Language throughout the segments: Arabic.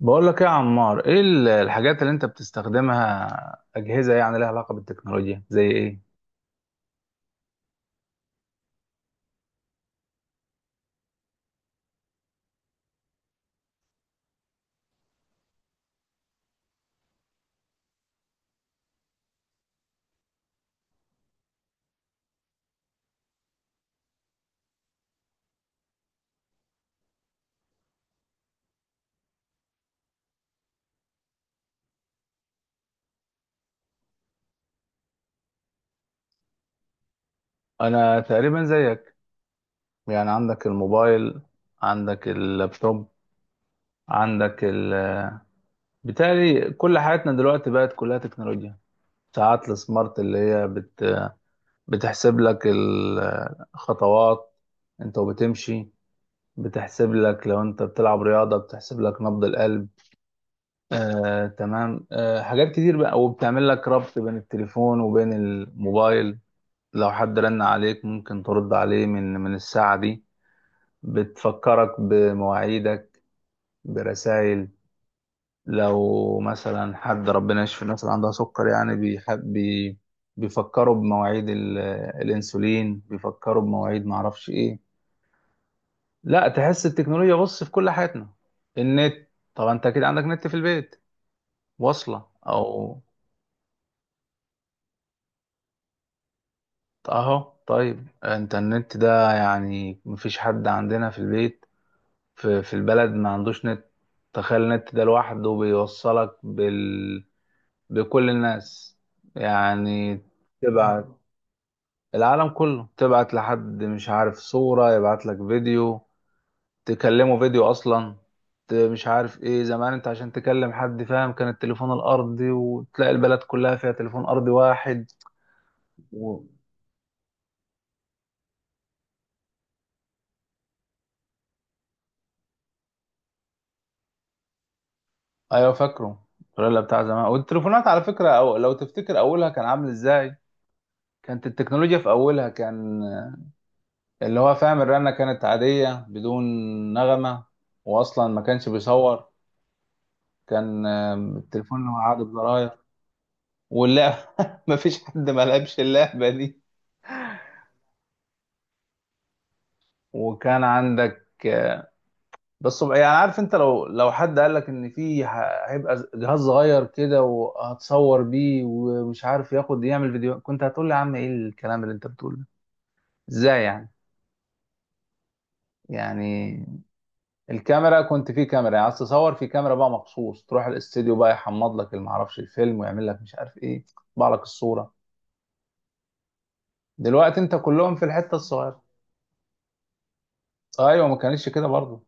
بقول لك ايه يا عمار، ايه الحاجات اللي انت بتستخدمها اجهزه يعني لها علاقه بالتكنولوجيا زي ايه؟ انا تقريبا زيك، يعني عندك الموبايل، عندك اللابتوب، عندك ال بالتالي كل حياتنا دلوقتي بقت كلها تكنولوجيا. ساعات السمارت اللي هي بتحسب لك الخطوات انت وبتمشي، بتحسب لك لو انت بتلعب رياضه، بتحسب لك نبض القلب. تمام. حاجات كتير بقى، وبتعمل لك ربط بين التليفون وبين الموبايل. لو حد رن عليك ممكن ترد عليه من الساعة دي، بتفكرك بمواعيدك برسائل. لو مثلا حد، ربنا يشفي الناس اللي عندها سكر، يعني بيحب بي بيفكروا بمواعيد الانسولين، بيفكروا بمواعيد معرفش ايه. لا، تحس التكنولوجيا، بص، في كل حياتنا. النت، طبعا انت اكيد عندك نت في البيت واصلة او اهو. طيب انترنت ده يعني مفيش حد عندنا في البيت، في البلد ما عندوش نت. تخيل النت ده لوحده بيوصلك بكل الناس، يعني تبعت العالم كله، تبعت لحد مش عارف صورة، يبعت لك فيديو، تكلمه فيديو اصلا. مش عارف ايه زمان، انت عشان تكلم حد فاهم كان التليفون الارضي، وتلاقي البلد كلها فيها تليفون ارضي واحد و... ايوه فاكره الفريلا بتاع زمان، والتليفونات على فكره أو لو تفتكر اولها كان عامل ازاي، كانت التكنولوجيا في اولها كان اللي هو فاهم الرنه كانت عاديه بدون نغمه، واصلا ما كانش بيصور. كان التليفون اللي هو عادي بزراير، واللعب ما فيش حد ما لعبش اللعبه دي. وكان عندك بس يعني عارف انت، لو حد قال لك ان في هيبقى جهاز صغير كده وهتصور بيه ومش عارف ياخد يعمل فيديو، كنت هتقول لي يا عم ايه الكلام اللي انت بتقوله؟ ازاي يعني الكاميرا، كنت في كاميرا، يعني عايز تصور في كاميرا بقى مخصوص تروح الاستديو بقى يحمض لك اللي معرفش الفيلم، ويعمل لك مش عارف ايه، يطبع لك الصورة. دلوقتي انت كلهم في الحتة الصغيرة. ايوه ما كانتش كده برضه.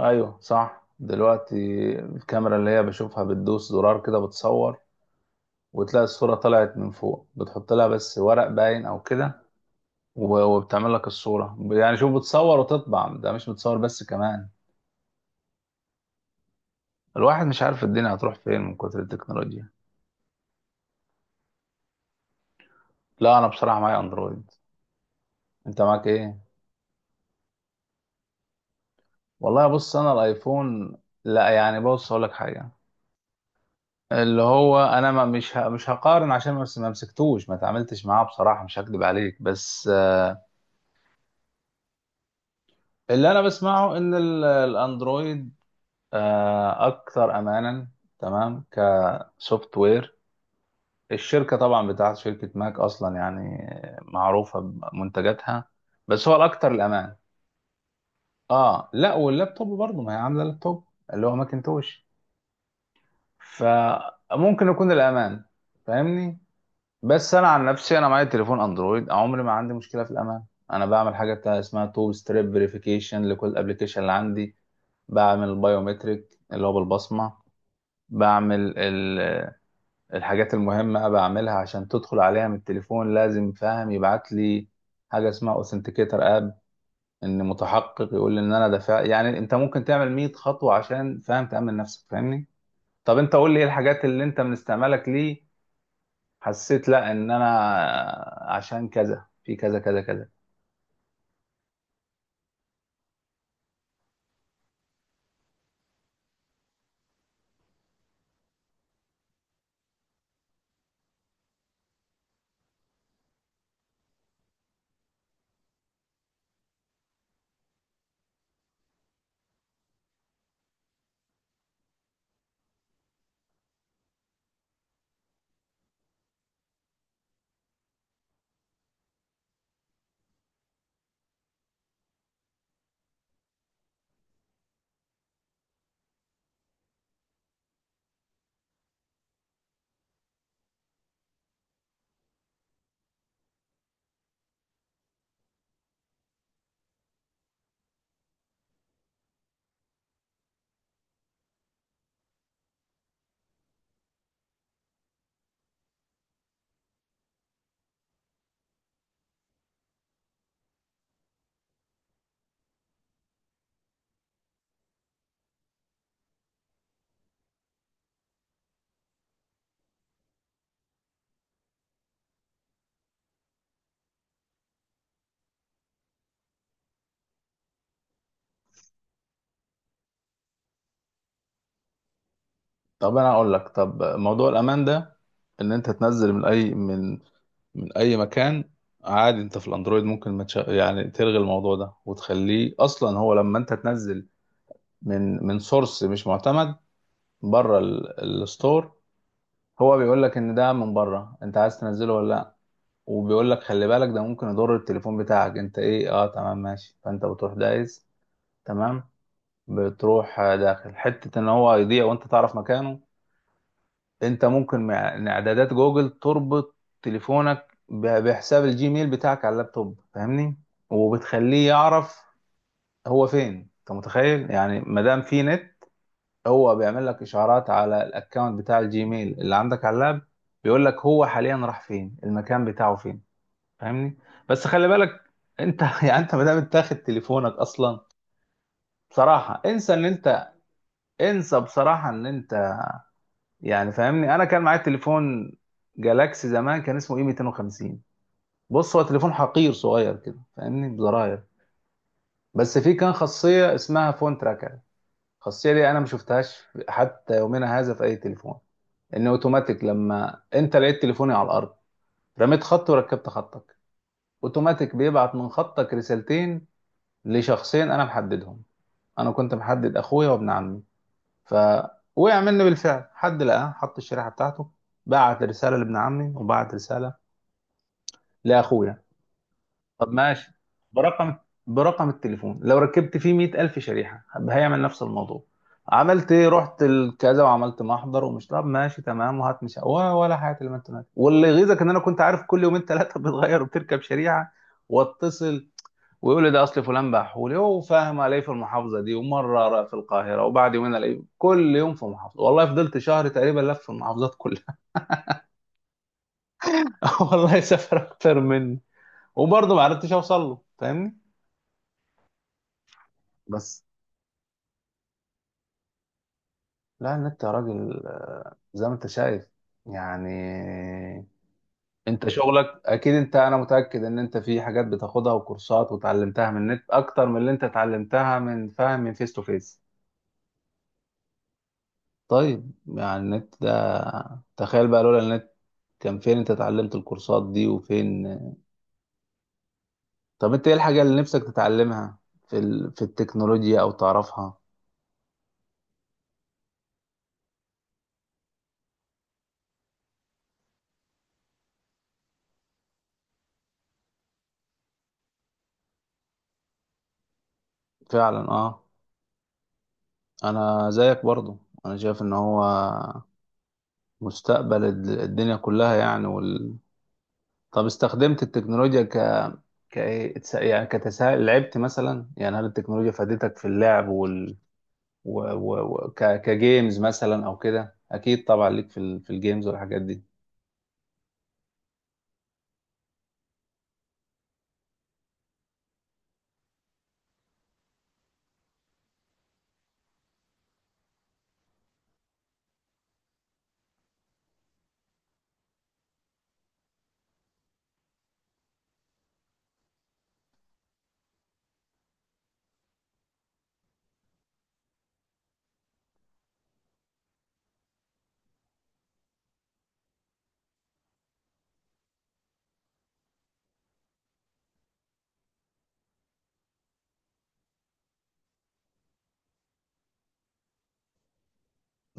ايوه صح. دلوقتي الكاميرا اللي هي بشوفها بتدوس زرار كده بتصور، وتلاقي الصورة طلعت من فوق بتحط لها بس ورق باين او كده، و- وبتعمل لك الصورة يعني، شوف، بتصور وتطبع، ده مش بتصور بس، كمان الواحد مش عارف الدنيا هتروح فين من كتر التكنولوجيا. لا، انا بصراحه معايا اندرويد. انت معاك ايه؟ والله بص، انا الايفون، لا يعني بص اقول لك حاجه، اللي هو انا ما مش ه... مش هقارن، عشان ما مسكتوش، ما تعاملتش معاه بصراحه، مش هكدب عليك، بس اللي انا بسمعه ان الاندرويد اكثر امانا. تمام كسوفت وير، الشركه طبعا بتاعت شركه ماك اصلا يعني معروفه بمنتجاتها، بس هو الاكثر الامان. اه لا، واللابتوب برضه، ما هي عامله لابتوب اللي هو ماكنتوش، فممكن يكون الامان، فاهمني. بس انا عن نفسي، انا معايا تليفون اندرويد عمري ما عندي مشكله في الامان. انا بعمل حاجه بتاع اسمها تو ستريب فيريفيكيشن لكل الابلكيشن اللي عندي، بعمل البايومتريك اللي هو بالبصمه، بعمل الحاجات المهمه بعملها عشان تدخل عليها من التليفون لازم فاهم يبعت لي حاجه اسمها اوثنتيكيتر اب، ان متحقق يقول لي ان انا دافع. يعني انت ممكن تعمل 100 خطوه عشان فاهم تامن نفسك، فاهمني. طب انت قول لي، ايه الحاجات اللي انت من استعمالك ليه حسيت لا ان انا عشان كذا في كذا كذا كذا. طب انا اقول لك، طب موضوع الامان ده، ان انت تنزل من اي من اي مكان، عادي انت في الاندرويد ممكن ما تش... يعني تلغي الموضوع ده وتخليه. اصلا هو لما انت تنزل من سورس مش معتمد، بره الستور، هو بيقول لك ان ده من بره انت عايز تنزله ولا لا، وبيقول لك خلي بالك ده ممكن يضر التليفون بتاعك، انت ايه، اه تمام ماشي، فانت بتروح دايس تمام، بتروح داخل حتة ان هو يضيع وانت تعرف مكانه. انت ممكن مع إن اعدادات جوجل تربط تليفونك ب- بحساب الجيميل بتاعك على اللابتوب، فاهمني، وبتخليه يعرف هو فين. انت متخيل؟ يعني ما دام في نت، هو بيعمل لك اشعارات على الاكونت بتاع الجيميل اللي عندك على اللاب، بيقول لك هو حاليا راح فين، المكان بتاعه فين، فاهمني. بس خلي بالك، انت يعني انت، ما دام انت تاخد تليفونك اصلا، بصراحة انسى ان انت، انسى بصراحة ان انت، يعني فاهمني. انا كان معايا تليفون جالاكسي زمان، كان اسمه اي 250، بص هو تليفون حقير صغير كده فاهمني، بزراير. بس فيه كان خاصيه اسمها فون تراكر، الخاصيه دي انا ما شفتهاش حتى يومنا هذا في اي تليفون. ان اوتوماتيك لما انت لقيت تليفوني على الارض، رميت خط وركبت خطك، اوتوماتيك بيبعت من خطك رسالتين لشخصين انا محددهم. انا كنت محدد اخويا وابن عمي. فوقع مني بالفعل، حد لقاه، حط الشريحه بتاعته، بعت رساله لابن عمي وبعت رساله لاخويا. طب ماشي، برقم برقم التليفون لو ركبت فيه 100000 شريحة هيعمل نفس الموضوع. عملت ايه، رحت الكذا وعملت محضر ومش، طب ماشي تمام، وهات مش ولا ولا حاجة اللي ما انت، واللي يغيظك ان انا كنت عارف كل يومين ثلاثة بتغير وبتركب شريحة. واتصل، ويقول لي ده اصل فلان بحولي هو فاهم، الاقيه في المحافظة دي ومرة ألاقيه في القاهرة، وبعد يومين الاقيه كل يوم في محافظة، والله فضلت شهر تقريبا لف في المحافظات كلها. والله سافر اكتر مني، وبرضه ما عرفتش اوصل له فاهمني. بس. لا النت يا راجل، زي ما انت شايف يعني، انت شغلك اكيد، انت انا متأكد ان انت في حاجات بتاخدها وكورسات وتعلمتها من النت اكتر من اللي انت اتعلمتها من فاهم من فيس تو فيس. طيب يعني النت ده، تخيل بقى لولا النت، كان فين انت اتعلمت الكورسات دي وفين؟ طب انت ايه الحاجة اللي نفسك تتعلمها في التكنولوجيا او تعرفها؟ فعلا اه. انا زيك برضو، انا شايف ان هو مستقبل الدنيا كلها يعني. طب استخدمت التكنولوجيا ك... يعني كتسهيل، لعبت مثلا، يعني هل التكنولوجيا فادتك في اللعب وال... و... و... و... ك... كجيمز مثلا او كده؟ اكيد طبعا ليك في الجيمز والحاجات دي.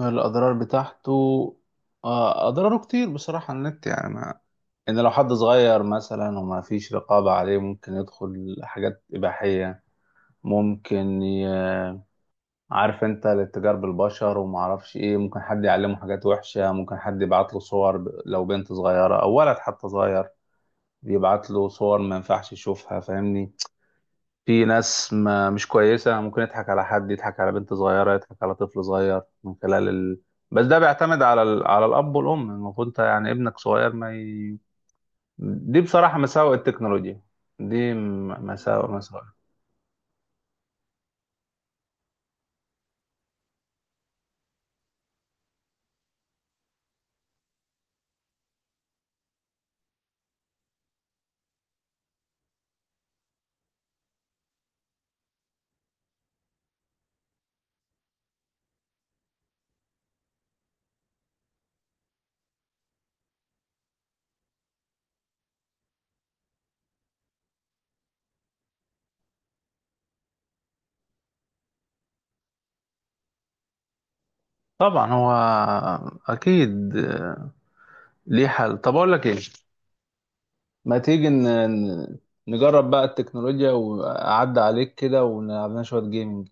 الاضرار بتاعته، اضراره كتير بصراحة. النت يعني ما... ان لو حد صغير مثلا وما فيش رقابة عليه ممكن يدخل حاجات اباحية، ممكن ي... عارف انت الاتجار بالبشر وما اعرفش ايه، ممكن حد يعلمه حاجات وحشة، ممكن حد يبعت له صور لو بنت صغيرة او ولد حتى صغير، يبعت له صور ما ينفعش يشوفها فاهمني. في ناس ما مش كويسة، ممكن يضحك على حد، يضحك على بنت صغيرة، يضحك على طفل صغير من خلال بس ده بيعتمد على على الاب والام، المفروض انت يعني ابنك صغير ما ي... دي بصراحة مساوئ التكنولوجيا، مساوئ مساوئ. طبعا هو اكيد ليه حل. طب اقول لك ايه، ما تيجي ن- نجرب بقى التكنولوجيا وأعدي عليك كده ونلعب لنا شوية جيمنج.